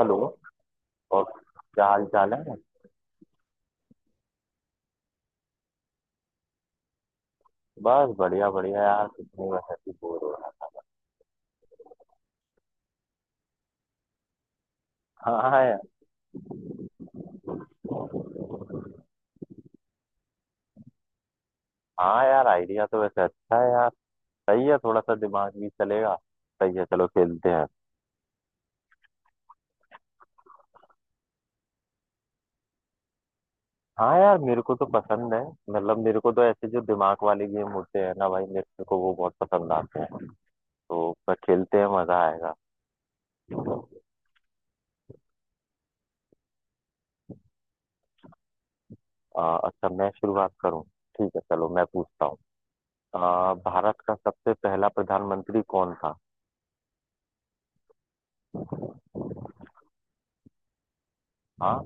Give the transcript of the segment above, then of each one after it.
Hello. और क्या हाल चाल है। बस बढ़िया बढ़िया यार, कुछ नहीं, बस ऐसे ही बोर हो रहा था। हाँ यार। हाँ यार, आइडिया तो वैसे अच्छा है यार। सही है, थोड़ा सा दिमाग भी चलेगा। सही है, चलो खेलते हैं। हाँ यार, मेरे को तो पसंद है। मतलब मेरे को तो ऐसे जो दिमाग वाले गेम होते हैं ना भाई, मेरे को तो वो बहुत पसंद आते हैं। तो पर खेलते हैं, मजा आएगा। अच्छा, मैं शुरुआत करूँ। ठीक है चलो, मैं पूछता हूँ। भारत का सबसे पहला प्रधानमंत्री कौन था। हाँ,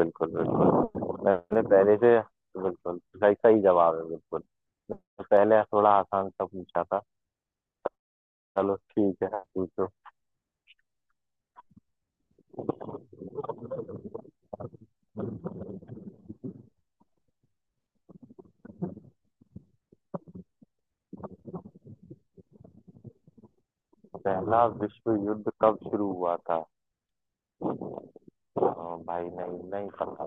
बिल्कुल बिल्कुल, मैंने पहले से बिल्कुल सही सही जवाब है, बिल्कुल पहले थोड़ा आसान सा पूछा था। चलो ठीक है, पूछो। पहला विश्व युद्ध कब शुरू हुआ था। हाँ, भाई नहीं, नहीं पता।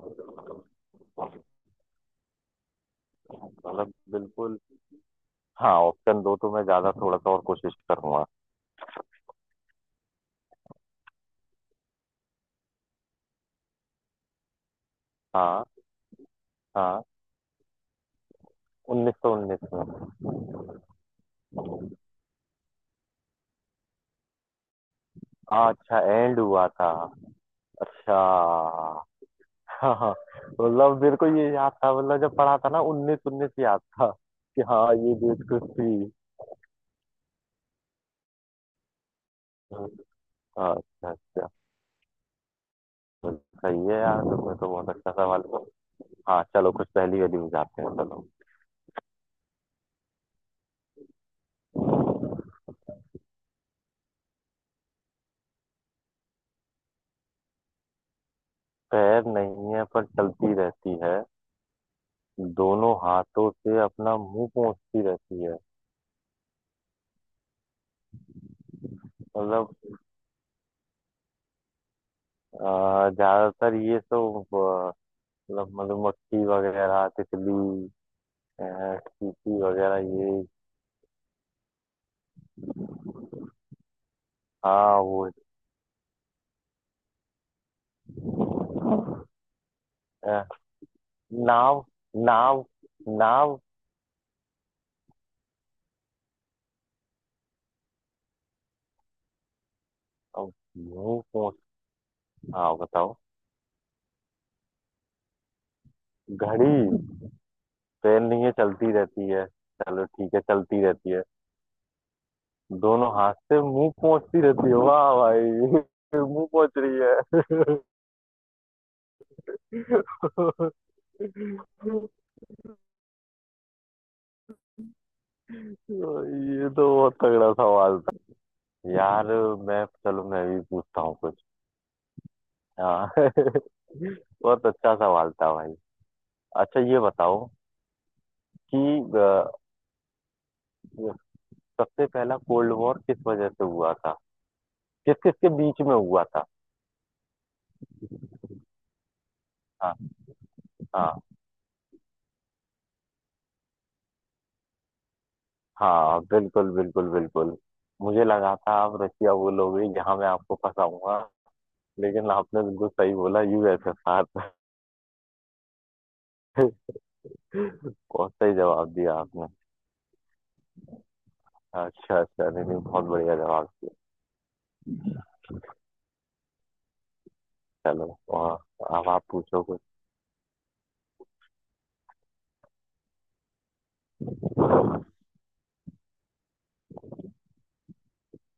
मतलब बिल्कुल। हाँ ऑप्शन दो तो मैं ज्यादा थोड़ा सा और कोशिश करूंगा। हाँ, हाँ, 1919 में। हाँ, अच्छा, एंड हुआ था। अच्छा। हाँ। मतलब मेरे को ये याद था, मतलब जब पढ़ा था ना, उन्नीस उन्नीस याद था कि हाँ ये डेट कुछ थी। अच्छा। अच्छा अच्छा। तो सही है यार, तुमने तो बहुत अच्छा सवाल पूछा। हाँ चलो, कुछ पहेली वहेली बुझाते हैं, चलो। पैर नहीं है पर चलती रहती है। दोनों हाथों से अपना मुंह पोंछती रहती है। मतलब ज्यादातर ये सब मतलब मधुमक्खी वगैरह, तितली, अ, चींटी वगैरह ये। हाँ वो। अ, नाव, नाव, नाव। अ, मुंह पोंछ। हाँ बताओ। घड़ी। ट्रेन नहीं है, चलती रहती है। चलो ठीक है, चलती रहती है। दोनों हाथ से मुंह पहुंचती रहती है, वाह भाई। मुंह पहुंच रही है। ये तो बहुत तगड़ा सवाल था यार। मैं चलो मैं भी पूछता हूँ कुछ। हाँ। बहुत अच्छा सवाल था भाई। अच्छा, ये बताओ कि अ, सबसे पहला कोल्ड वॉर किस वजह से हुआ था, किस किस के बीच में हुआ था। हाँ। हाँ, हाँ, बिल्कुल बिल्कुल बिल्कुल। मुझे लगा था आप रशिया बोलोगे जहाँ मैं आपको फंसाऊंगा, लेकिन आपने बिल्कुल सही बोला, यूएसएसआर। बहुत सही जवाब दिया आपने। अच्छा अच्छा, नहीं नहीं, बहुत बढ़िया जवाब दिया। चलो, और अब आप पूछो कुछ।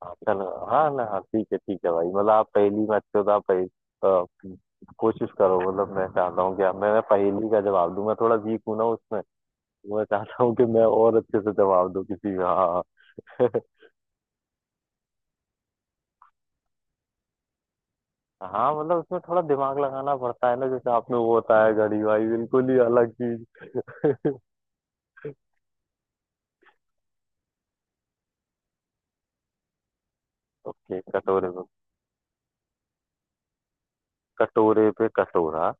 हाँ, चलो, हाँ ना, हाँ ठीक है भाई। मतलब आप पहेली में अच्छे हो तो आप पहेली अ, कोशिश करो। मतलब मैं चाहता हूँ कि आप मैं पहेली का जवाब दूं, मैं थोड़ा वीक हूं ना उसमें। तो मैं चाहता हूँ कि मैं और अच्छे से जवाब दूं किसी का। हाँ। हाँ। मतलब उसमें थोड़ा दिमाग लगाना पड़ता है ना, जैसे आपने वो बताया घड़ी, भाई बिल्कुल ही अलग चीज। ओके। कटोरे पे कटोरा,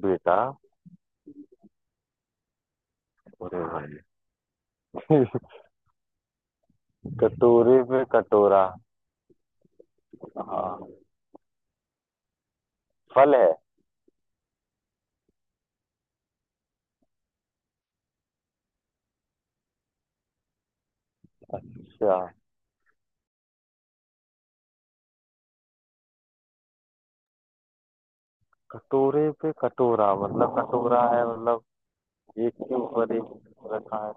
बेटा। अरे भाई। कटोरे पे कटोरा। हाँ, फल है। अच्छा, कटोरे पे कटोरा मतलब कटोरा है, मतलब एक के ऊपर एक रखा है।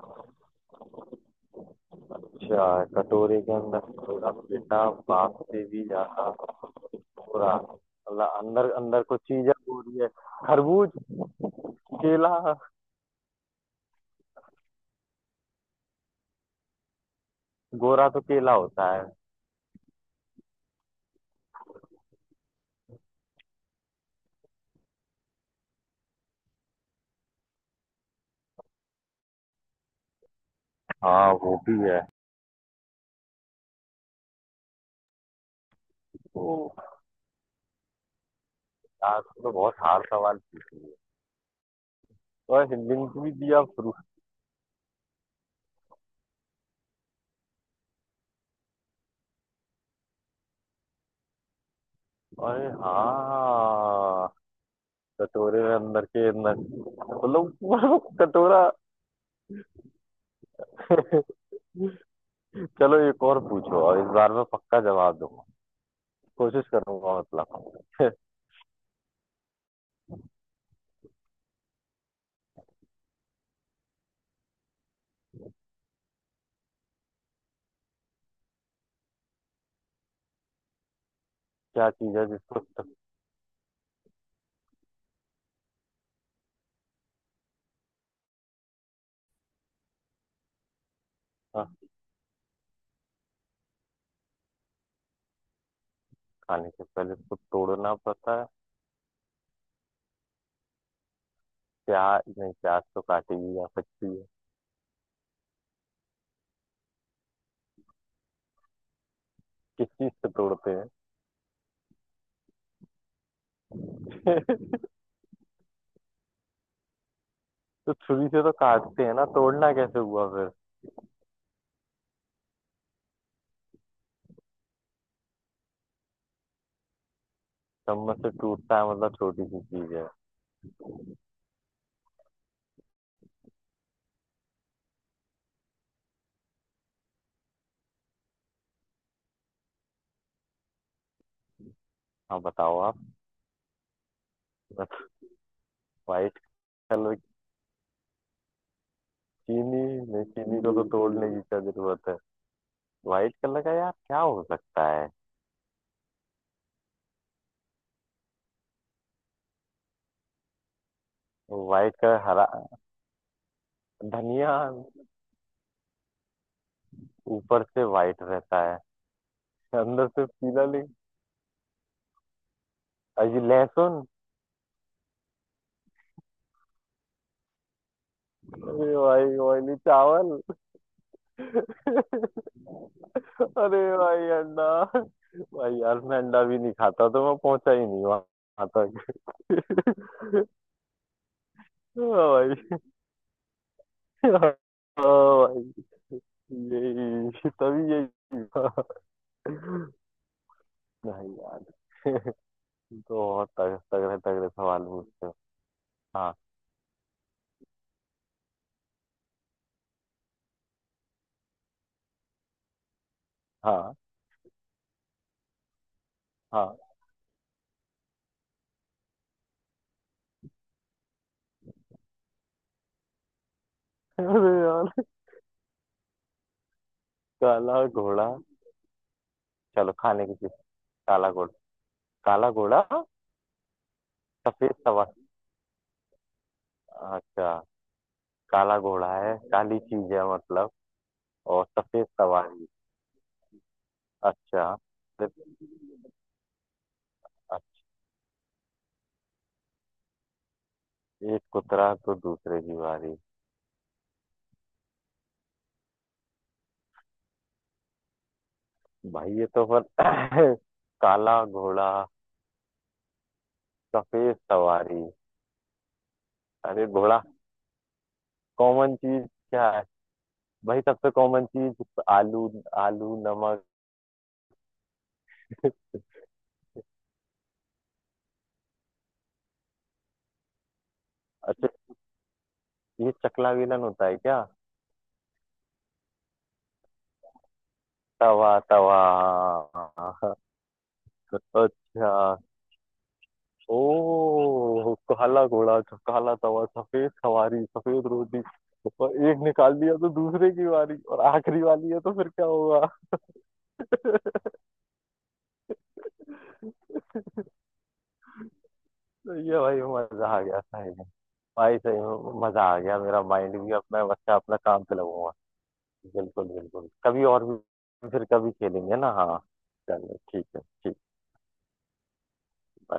अच्छा, कटोरे के अंदर कटोरा, बेटा बाप से भी ज्यादा, कटोरा मतलब अंदर अंदर कुछ चीजें हो रही है। खरबूज। केला। गोरा तो केला होता है। हाँ वो भी है। तो यार तो बहुत हार्ड सवाल पूछा, और लिंक भी दिया प्रूफ। अरे हाँ। कटोरे में अंदर के अंदर मतलब पूरा कटोरा। चलो, एक और पूछो, और इस बार मैं पक्का जवाब दूंगा। कोशिश करूंगा मतलब। क्या चीज है जिसको टक्का। खाने से पहले उसको तोड़ना पड़ता है। प्याज नहीं, प्याज तो काटी भी जा सकती है। किस चीज से तोड़ते हैं। तो छुरी से तो काटते हैं ना, तोड़ना कैसे हुआ फिर। चम्मच से टूटता है मतलब छोटी सी चीज है। हाँ बताओ आप। व्हाइट कलर की। चीनी। नहीं, चीनी को तो तोड़ने की क्या जरूरत है। व्हाइट कलर का यार क्या हो सकता है। व्हाइट कलर हरा। धनिया। ऊपर से व्हाइट रहता है। अंदर से पीला, नहीं? अजी लहसुन। अरे भाई ऑयली चावल। अरे भाई अंडा। भाई यार, मैं अंडा भी नहीं खाता, तो मैं पहुंचा ही नहीं वहां तक। हाँ भाई। हाँ भाई, यही तभी यही था। नहीं यार। तो बहुत तगड़े तगड़े सवाल पूछते हो। हाँ हाँ हाँ। अरे यार। काला घोड़ा। चलो, खाने की चीज। काला घोड़ा। काला घोड़ा सफेद सवारी। अच्छा, काला घोड़ा है काली चीज है मतलब। और सफेद सवारी। अच्छा। फिर। अच्छा, एक उतरा तो दूसरे की बारी। भाई ये तो पर काला घोड़ा सफेद सवारी। अरे घोड़ा। कॉमन चीज क्या है। भाई सबसे कॉमन चीज। आलू। आलू नमक। अच्छा, ये चकला बेलन होता है क्या। तवा तवा। अच्छा। ओ काला घोड़ा काला तवा सफेद सवारी सफेद रोटी, और एक निकाल दिया तो दूसरे की बारी, और आखिरी वाली है तो फिर क्या होगा। तो ये भाई, मजा आ गया सही में। भाई सही में मजा आ गया, मेरा माइंड भी अपना बच्चा अपना काम पे लगूंगा। बिल्कुल बिल्कुल, कभी और भी फिर कभी खेलेंगे ना, हाँ। चलो ठीक है, ठीक